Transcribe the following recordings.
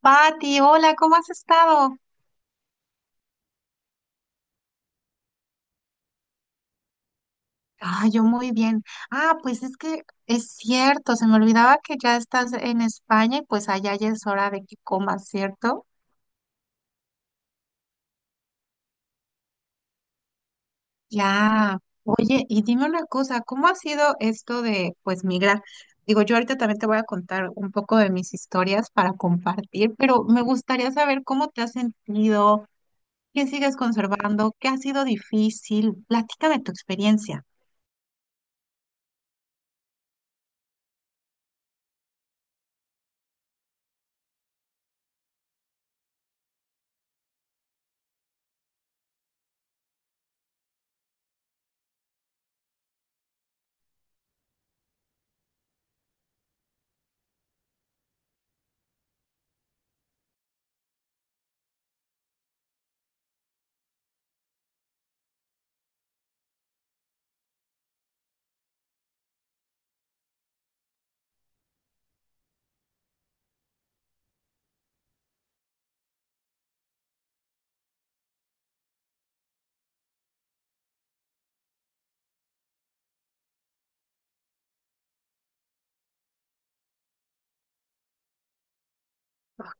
Pati, hola, ¿cómo has estado? Ah, yo muy bien. Ah, pues es que es cierto, se me olvidaba que ya estás en España y pues allá ya es hora de que comas, ¿cierto? Ya. Oye, y dime una cosa, ¿cómo ha sido esto de pues migrar? Digo, yo ahorita también te voy a contar un poco de mis historias para compartir, pero me gustaría saber cómo te has sentido, qué sigues conservando, qué ha sido difícil. Platícame tu experiencia.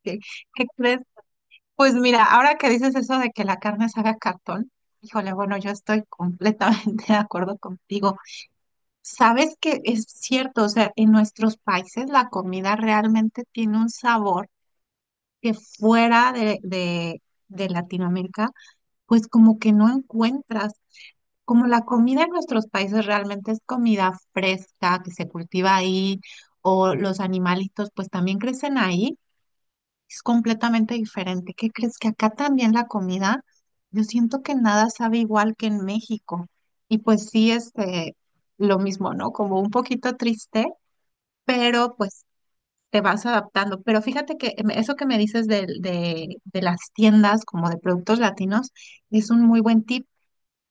¿Qué, qué crees? Pues mira, ahora que dices eso de que la carne se haga cartón, híjole, bueno, yo estoy completamente de acuerdo contigo. Sabes que es cierto, o sea, en nuestros países la comida realmente tiene un sabor que de Latinoamérica, pues como que no encuentras. Como la comida en nuestros países realmente es comida fresca que se cultiva ahí, o los animalitos pues también crecen ahí. Es completamente diferente. ¿Qué crees que acá también la comida? Yo siento que nada sabe igual que en México. Y pues sí, este, lo mismo, ¿no? Como un poquito triste, pero pues te vas adaptando. Pero fíjate que eso que me dices de las tiendas como de productos latinos es un muy buen tip.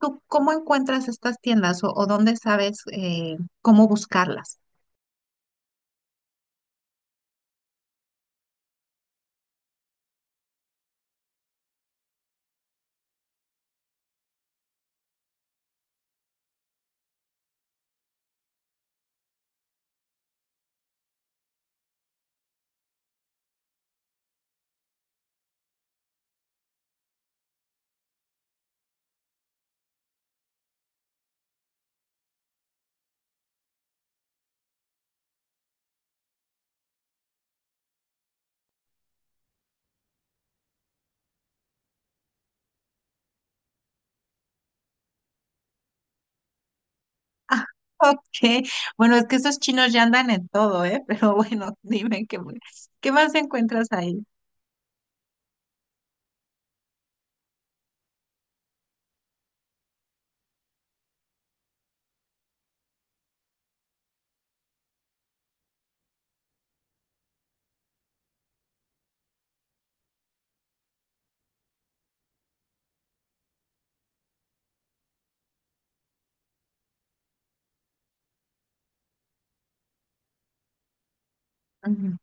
¿Tú cómo encuentras estas tiendas o dónde sabes cómo buscarlas? Ah, ok. Bueno, es que esos chinos ya andan en todo, ¿eh? Pero bueno, dime qué más encuentras ahí. Ujú.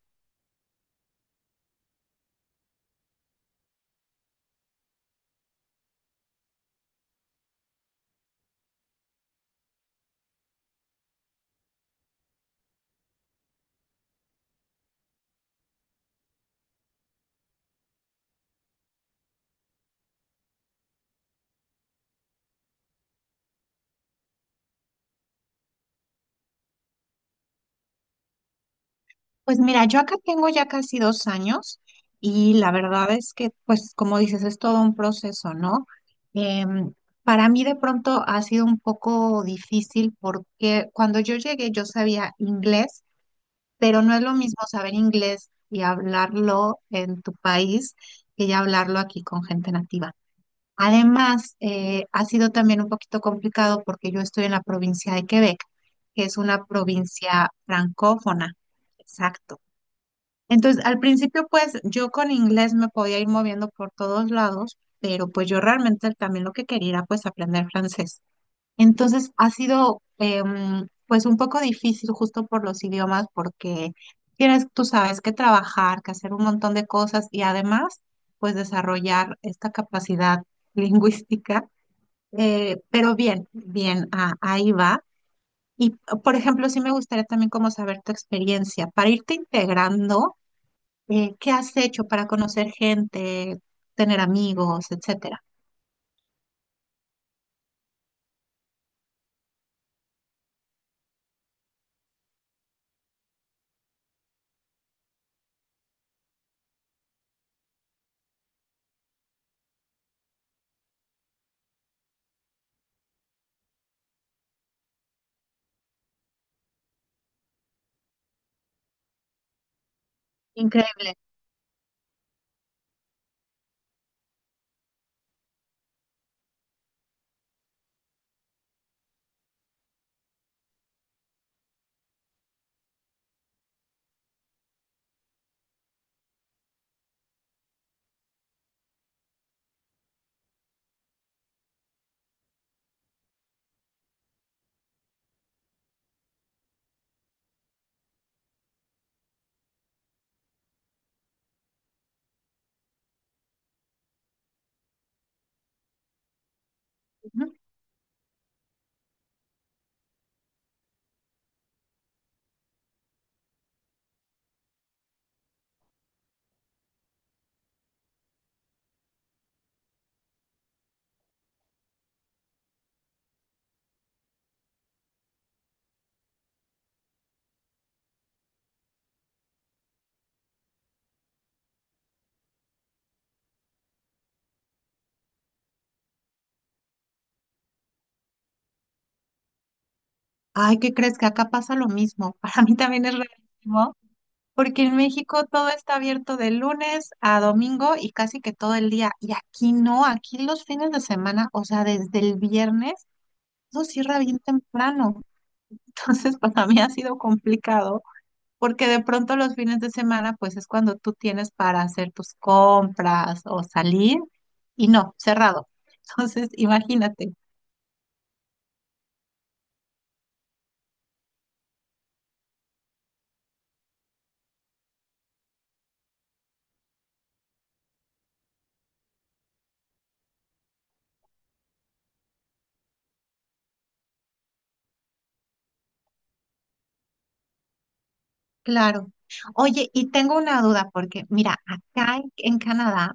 Pues mira, yo acá tengo ya casi 2 años, y la verdad es que, pues como dices, es todo un proceso, ¿no? Em, para mí de pronto ha sido un poco difícil porque cuando yo llegué yo sabía inglés, pero no es lo mismo saber inglés y hablarlo en tu país que ya hablarlo aquí con gente nativa. Además, ha sido también un poquito complicado porque yo estoy en la provincia de Quebec, que es una provincia francófona. Exacto. Entonces, al principio, pues yo con inglés me podía ir moviendo por todos lados, pero pues yo realmente también lo que quería era pues aprender francés. Entonces ha sido pues un poco difícil justo por los idiomas porque tienes, tú sabes, que trabajar, que hacer un montón de cosas y además pues desarrollar esta capacidad lingüística. Pero ahí va. Y por ejemplo, sí me gustaría también como saber tu experiencia para irte integrando, ¿qué has hecho para conocer gente, tener amigos, etcétera? Increíble. Ay, ¿qué crees que acá pasa lo mismo? Para mí también es rarísimo, porque en México todo está abierto de lunes a domingo y casi que todo el día. Y aquí no, aquí los fines de semana, o sea, desde el viernes, todo cierra bien temprano. Entonces, para mí ha sido complicado, porque de pronto los fines de semana, pues es cuando tú tienes para hacer tus compras o salir, y no, cerrado. Entonces, imagínate. Claro. Oye, y tengo una duda porque, mira, acá en Canadá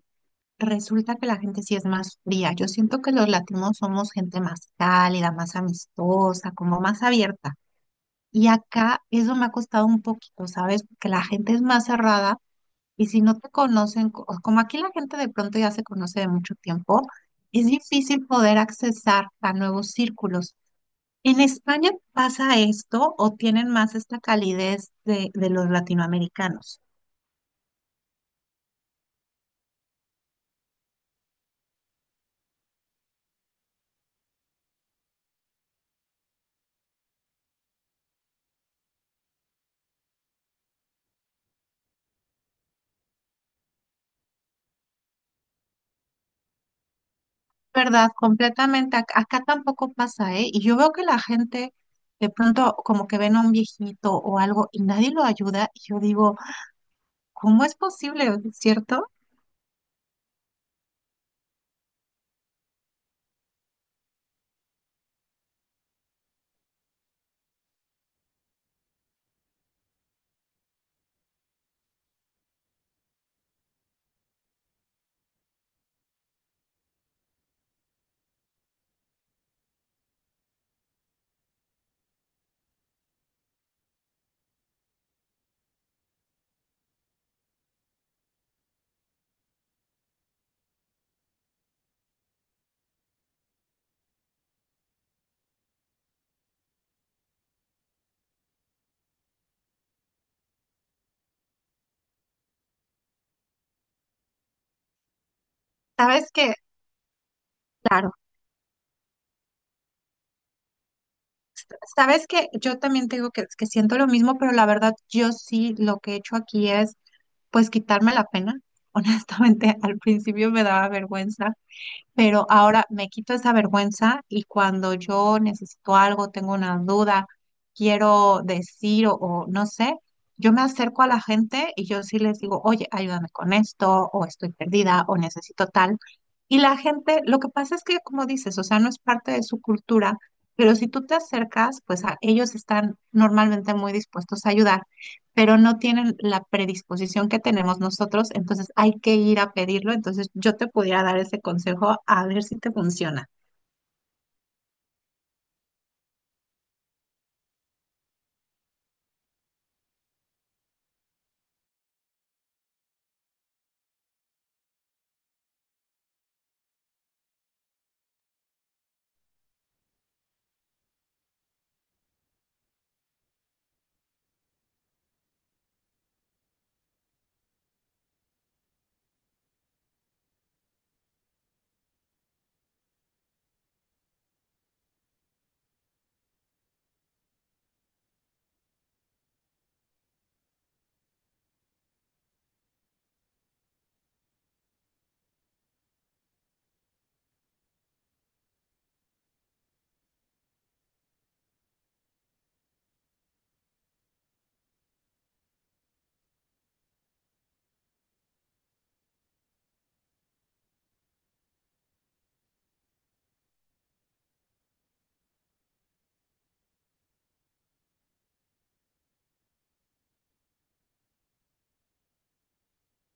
resulta que la gente sí es más fría. Yo siento que los latinos somos gente más cálida, más amistosa, como más abierta. Y acá eso me ha costado un poquito, ¿sabes? Porque la gente es más cerrada y si no te conocen, como aquí la gente de pronto ya se conoce de mucho tiempo, es difícil poder accesar a nuevos círculos. ¿En España pasa esto o tienen más esta calidez de los latinoamericanos? Verdad, completamente. Acá, tampoco pasa, ¿eh? Y yo veo que la gente de pronto como que ven a un viejito o algo y nadie lo ayuda. Y yo digo, ¿cómo es posible? ¿Cierto? Sabes que, claro, sabes que yo también te digo que siento lo mismo, pero la verdad yo sí lo que he hecho aquí es pues quitarme la pena. Honestamente, al principio me daba vergüenza. Pero ahora me quito esa vergüenza y cuando yo necesito algo, tengo una duda, quiero decir o no sé, yo me acerco a la gente y yo sí les digo, oye, ayúdame con esto, o estoy perdida, o necesito tal. Y la gente, lo que pasa es que, como dices, o sea, no es parte de su cultura, pero si tú te acercas, pues a, ellos están normalmente muy dispuestos a ayudar, pero no tienen la predisposición que tenemos nosotros, entonces hay que ir a pedirlo, entonces yo te pudiera dar ese consejo a ver si te funciona.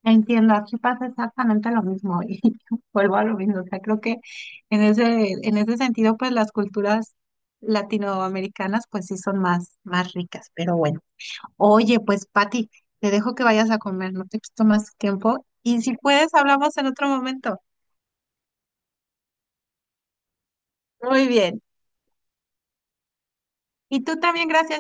Entiendo, aquí pasa exactamente lo mismo y vuelvo a lo mismo, o sea, creo que en ese sentido, pues las culturas latinoamericanas, pues sí son más ricas, pero bueno. Oye, pues Pati, te dejo que vayas a comer, no te quito más tiempo y si puedes, hablamos en otro momento. Muy bien. Y tú también, gracias.